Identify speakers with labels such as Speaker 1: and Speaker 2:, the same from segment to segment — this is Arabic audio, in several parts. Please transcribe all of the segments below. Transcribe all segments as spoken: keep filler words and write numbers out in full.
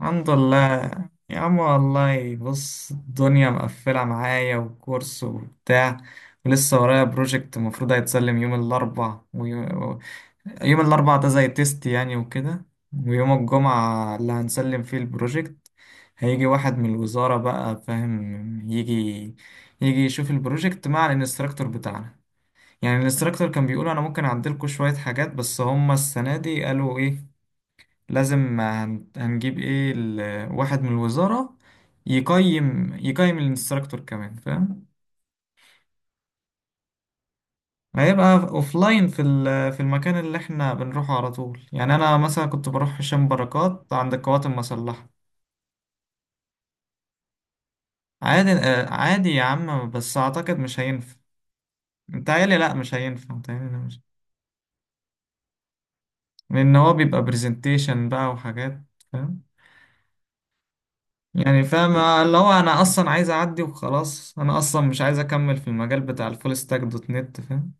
Speaker 1: الحمد لله. يا عم والله بص، الدنيا مقفلة معايا وكورس وبتاع. ولسه ورايا بروجكت المفروض هيتسلم يوم الأربع، ويوم يوم الأربع ده زي تيست يعني وكده. ويوم الجمعة اللي هنسلم فيه البروجكت. هيجي واحد من الوزارة بقى، فاهم؟ يجي يجي يشوف البروجكت مع الانستراكتور بتاعنا. يعني الانستراكتور كان بيقول أنا ممكن أعدلكوا شوية حاجات، بس هما السنة دي قالوا إيه؟ لازم هن- هنجيب ايه ال- واحد من الوزارة. يقيم يقيم الانستراكتور كمان، فاهم؟ هيبقى اوفلاين في ال- في المكان اللي احنا بنروحه على طول، يعني انا مثلا كنت بروح هشام بركات عند القوات المسلحة. عادي، آه، عادي يا عم، بس اعتقد مش هينفع. متهيألي لا مش هينفع، متهيألي لا مش لان هو بيبقى برزنتيشن بقى وحاجات. فاهم؟ يعني فاهم؟ آه، اللي هو انا اصلا عايز اعدي وخلاص، انا اصلا مش عايز اكمل في المجال بتاع الفول ستاك دوت نت، فاهم؟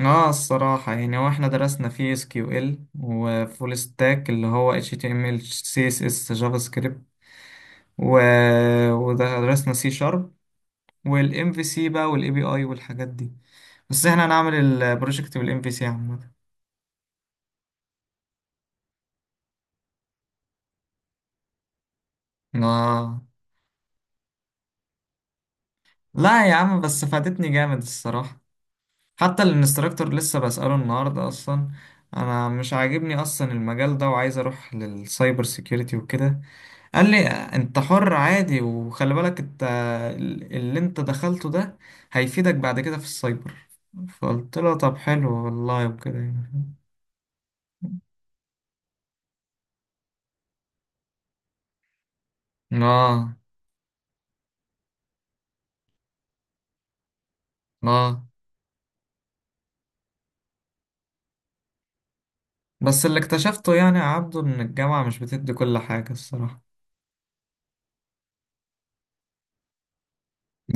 Speaker 1: اه، الصراحة يعني، هو احنا درسنا في اس كيو ال وفول ستاك اللي هو اتش تي ام ال، سي اس اس، جافا سكريبت. و... ودرسنا سي شارب. والام في سي بقى، والاي بي اي، والحاجات دي. بس احنا هنعمل البروجكت بالام في سي عامة. اه. لا يا عم، بس فادتني جامد الصراحة. حتى الانستراكتور لسه بسأله النهاردة اصلا. انا مش عاجبني اصلا المجال ده، وعايز اروح للسايبر سيكيورتي وكده. قال لي انت حر عادي، وخلي بالك انت ال- اللي انت دخلته ده هيفيدك بعد كده في السايبر. فقلت له طب حلو والله وكده يعني. اه. اه. بس اللي اكتشفته يعني يا عبده، ان الجامعة مش بتدي كل حاجة الصراحة.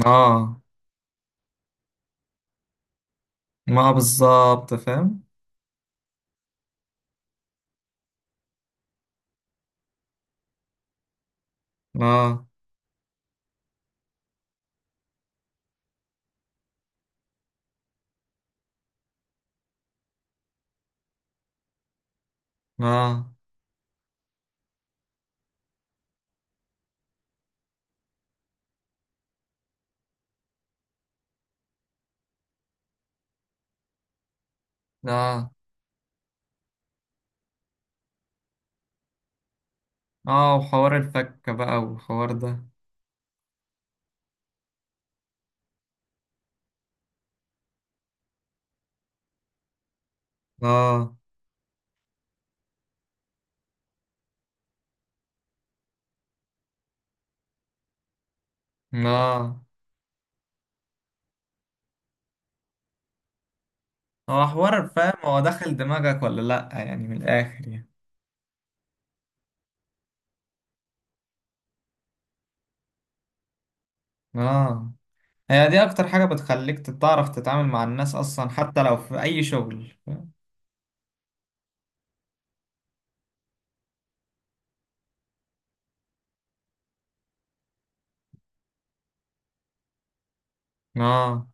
Speaker 1: اه، ما بالظبط، فاهم. اه. اه. اه. اه. وحوار الفكة بقى والحوار ده. اه. اه. هو حوار فاهم، هو دخل دماغك ولا لأ؟ يعني من الآخر يعني. اه، هي دي اكتر حاجة بتخليك تعرف تتعامل مع الناس اصلا، حتى لو في اي شغل. اه.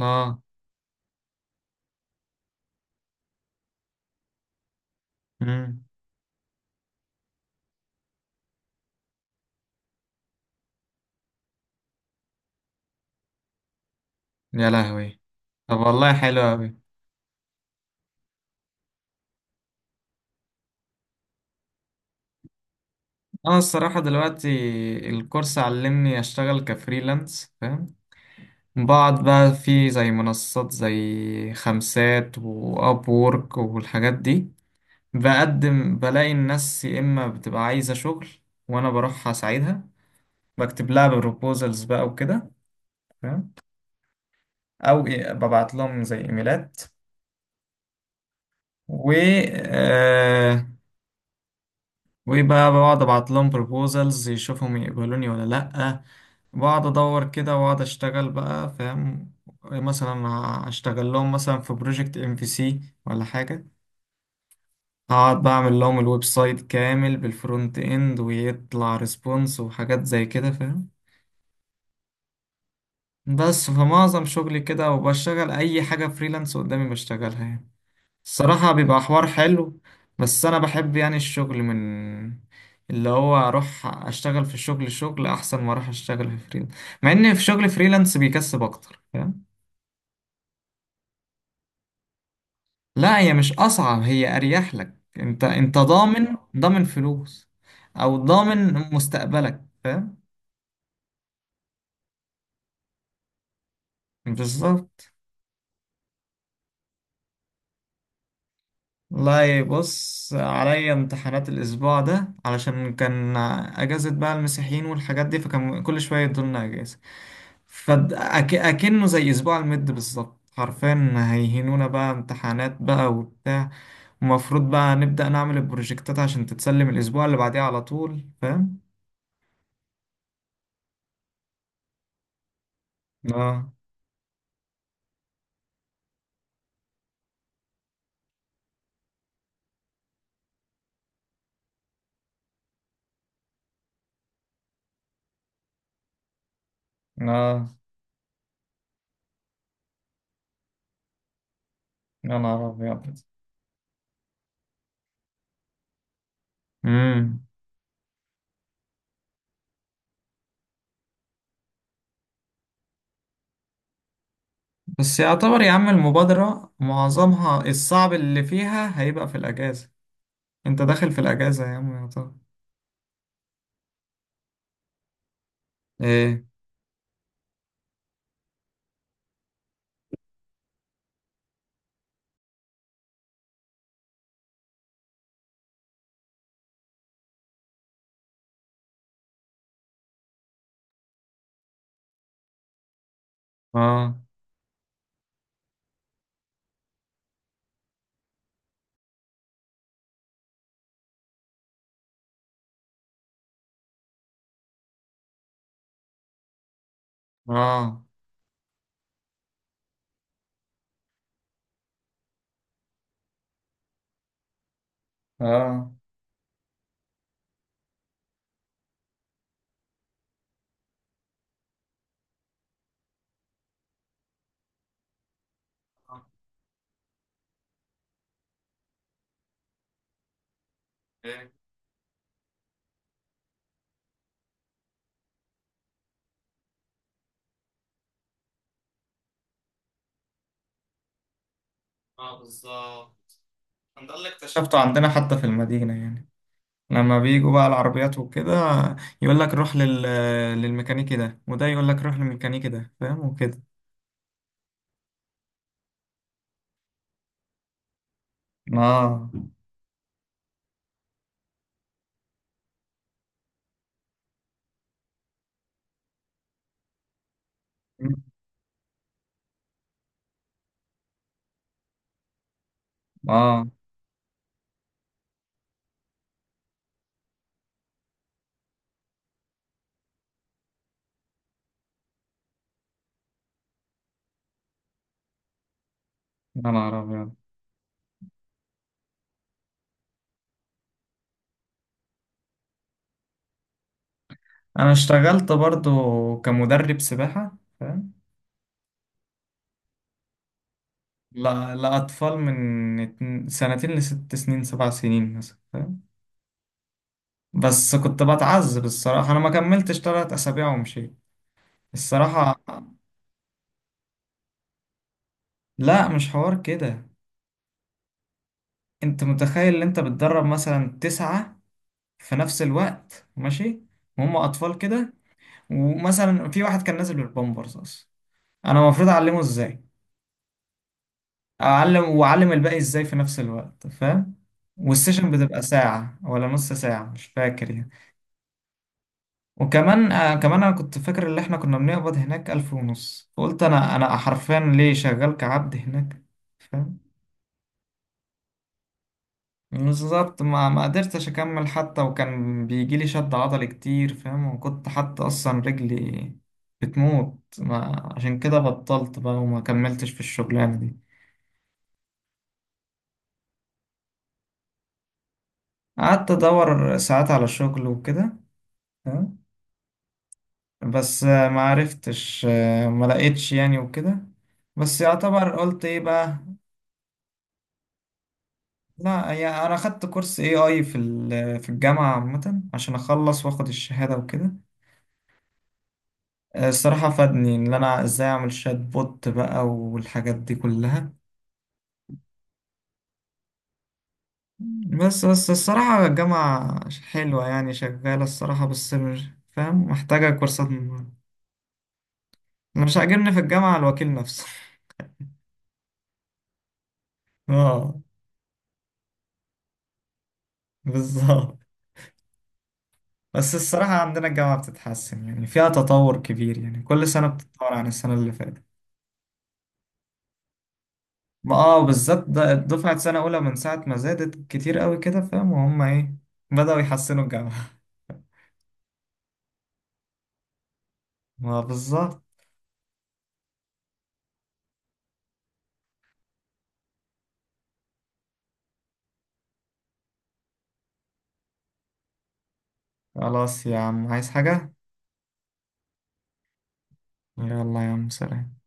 Speaker 1: اه. امم. يا لهوي! طب والله حلو أوي. أنا الصراحة دلوقتي، الكورس علمني أشتغل كفريلانس، فاهم؟ بقعد بقى في زي منصات زي خمسات وأب وورك والحاجات دي. بقدم بلاقي الناس يا إما بتبقى عايزة شغل، وأنا بروح أساعدها. بكتب لها بروبوزلز بقى وكده. او إيه- ببعت لهم زي ايميلات. و آه وبقى بقعد ابعت لهم بروبوزلز، يشوفهم يقبلوني ولا لا. بقعد ادور كده واقعد اشتغل بقى، فاهم؟ مثلا هشتغل لهم مثلا في بروجكت ام في سي ولا حاجه. اقعد بعمل لهم الويب سايت كامل بالفرونت اند، ويطلع ريسبونس، وحاجات زي كده، فاهم؟ بس فمعظم شغلي كده، وبشتغل اي حاجه فريلانس قدامي بشتغلها يعني. الصراحة بيبقى حوار حلو. بس أنا بحب يعني الشغل من، اللي هو أروح أشتغل في الشغل، شغل أحسن ما أروح أشتغل في فريلانس. مع إن في شغل فريلانس بيكسب أكتر، فاهم؟ لا، هي مش أصعب، هي أريح لك، أنت أنت ضامن، ضامن فلوس. أو ضامن مستقبلك، فاهم؟ بالظبط. والله بص، عليا امتحانات الأسبوع ده علشان كان أجازة بقى المسيحيين والحاجات دي، فكان كل شوية يدولنا أجازة. فأكنه زي أسبوع المد بالظبط حرفيا، هيهنونا بقى امتحانات بقى وبتاع. ومفروض بقى نبدأ نعمل البروجكتات عشان تتسلم الأسبوع اللي بعديه على طول، فاهم؟ اه. اه. يا نهار أبيض! مم. بس يعتبر يا عم، المبادرة معظمها الصعب اللي فيها هيبقى في الأجازة. أنت داخل في الأجازة يا عم يعتبر. إيه؟ اه. آه. اه. ايه. اه. بالظبط، ده اللي اكتشفته عندنا حتى في المدينة يعني. لما بيجوا بقى العربيات وكده، يقول لك روح لل... للميكانيكي ده، وده يقول لك روح للميكانيكي ده، فاهم؟ وكده. اه. اه. يا نهار ابيض! انا اشتغلت برضو كمدرب سباحة، فاهم؟ لا، لأطفال من اتن- سنتين لست سنين سبع سنين مثلا، فاهم؟ بس كنت بتعذب الصراحة، أنا ما كملتش تلات أسابيع ومشيت. الصراحة. لا مش حوار كده. أنت متخيل إن أنت بتدرب مثلا تسعة في نفس الوقت، ماشي؟ وهم اطفال كده. ومثلا في واحد كان نازل بالبامبرز اصلا، انا المفروض اعلمه ازاي؟ اعلم واعلم الباقي ازاي في نفس الوقت، فاهم؟ والسيشن بتبقى ساعة ولا نص ساعة، مش فاكر يعني. وكمان آه كمان أنا كنت فاكر إن إحنا كنا بنقبض هناك ألف ونص، قلت أنا أنا حرفيا ليه شغال كعبد هناك. بالظبط، ما ما قدرتش اكمل حتى، وكان بيجي لي شد عضلي كتير، فاهم؟ وكنت حتى اصلا رجلي بتموت، ما عشان كده بطلت بقى، وما كملتش في الشغلانة دي. قعدت ادور ساعات على شغل وكده، فاهم؟ بس آه، ما عرفتش، آه، ما لقيتش يعني وكده. بس يعتبر، قلت ايه بقى. لا يعني، انا خدت كورس اي اي في ال- في الجامعة عامة، عشان اخلص واخد الشهادة وكده. الصراحة فادني إن أنا إزاي أعمل شات بوت بقى والحاجات دي كلها. بس بس الصراحة الجامعة حلوة يعني، شغالة الصراحة، بس مش فاهم، محتاجة كورسات من- أنا مش عاجبني في الجامعة الوكيل نفسه. اه، بالظبط. بس الصراحة عندنا الجامعة بتتحسن، يعني فيها تطور كبير يعني، كل سنة بتتطور عن السنة اللي فاتت. ما اه، بالذات ده- دفعة سنة أولى من ساعة ما زادت كتير قوي كده، فاهم؟ وهم إيه، بدأوا يحسنوا الجامعة. ما بالظبط. خلاص يا عم، عايز حاجة؟ يلا يا عم، سلام.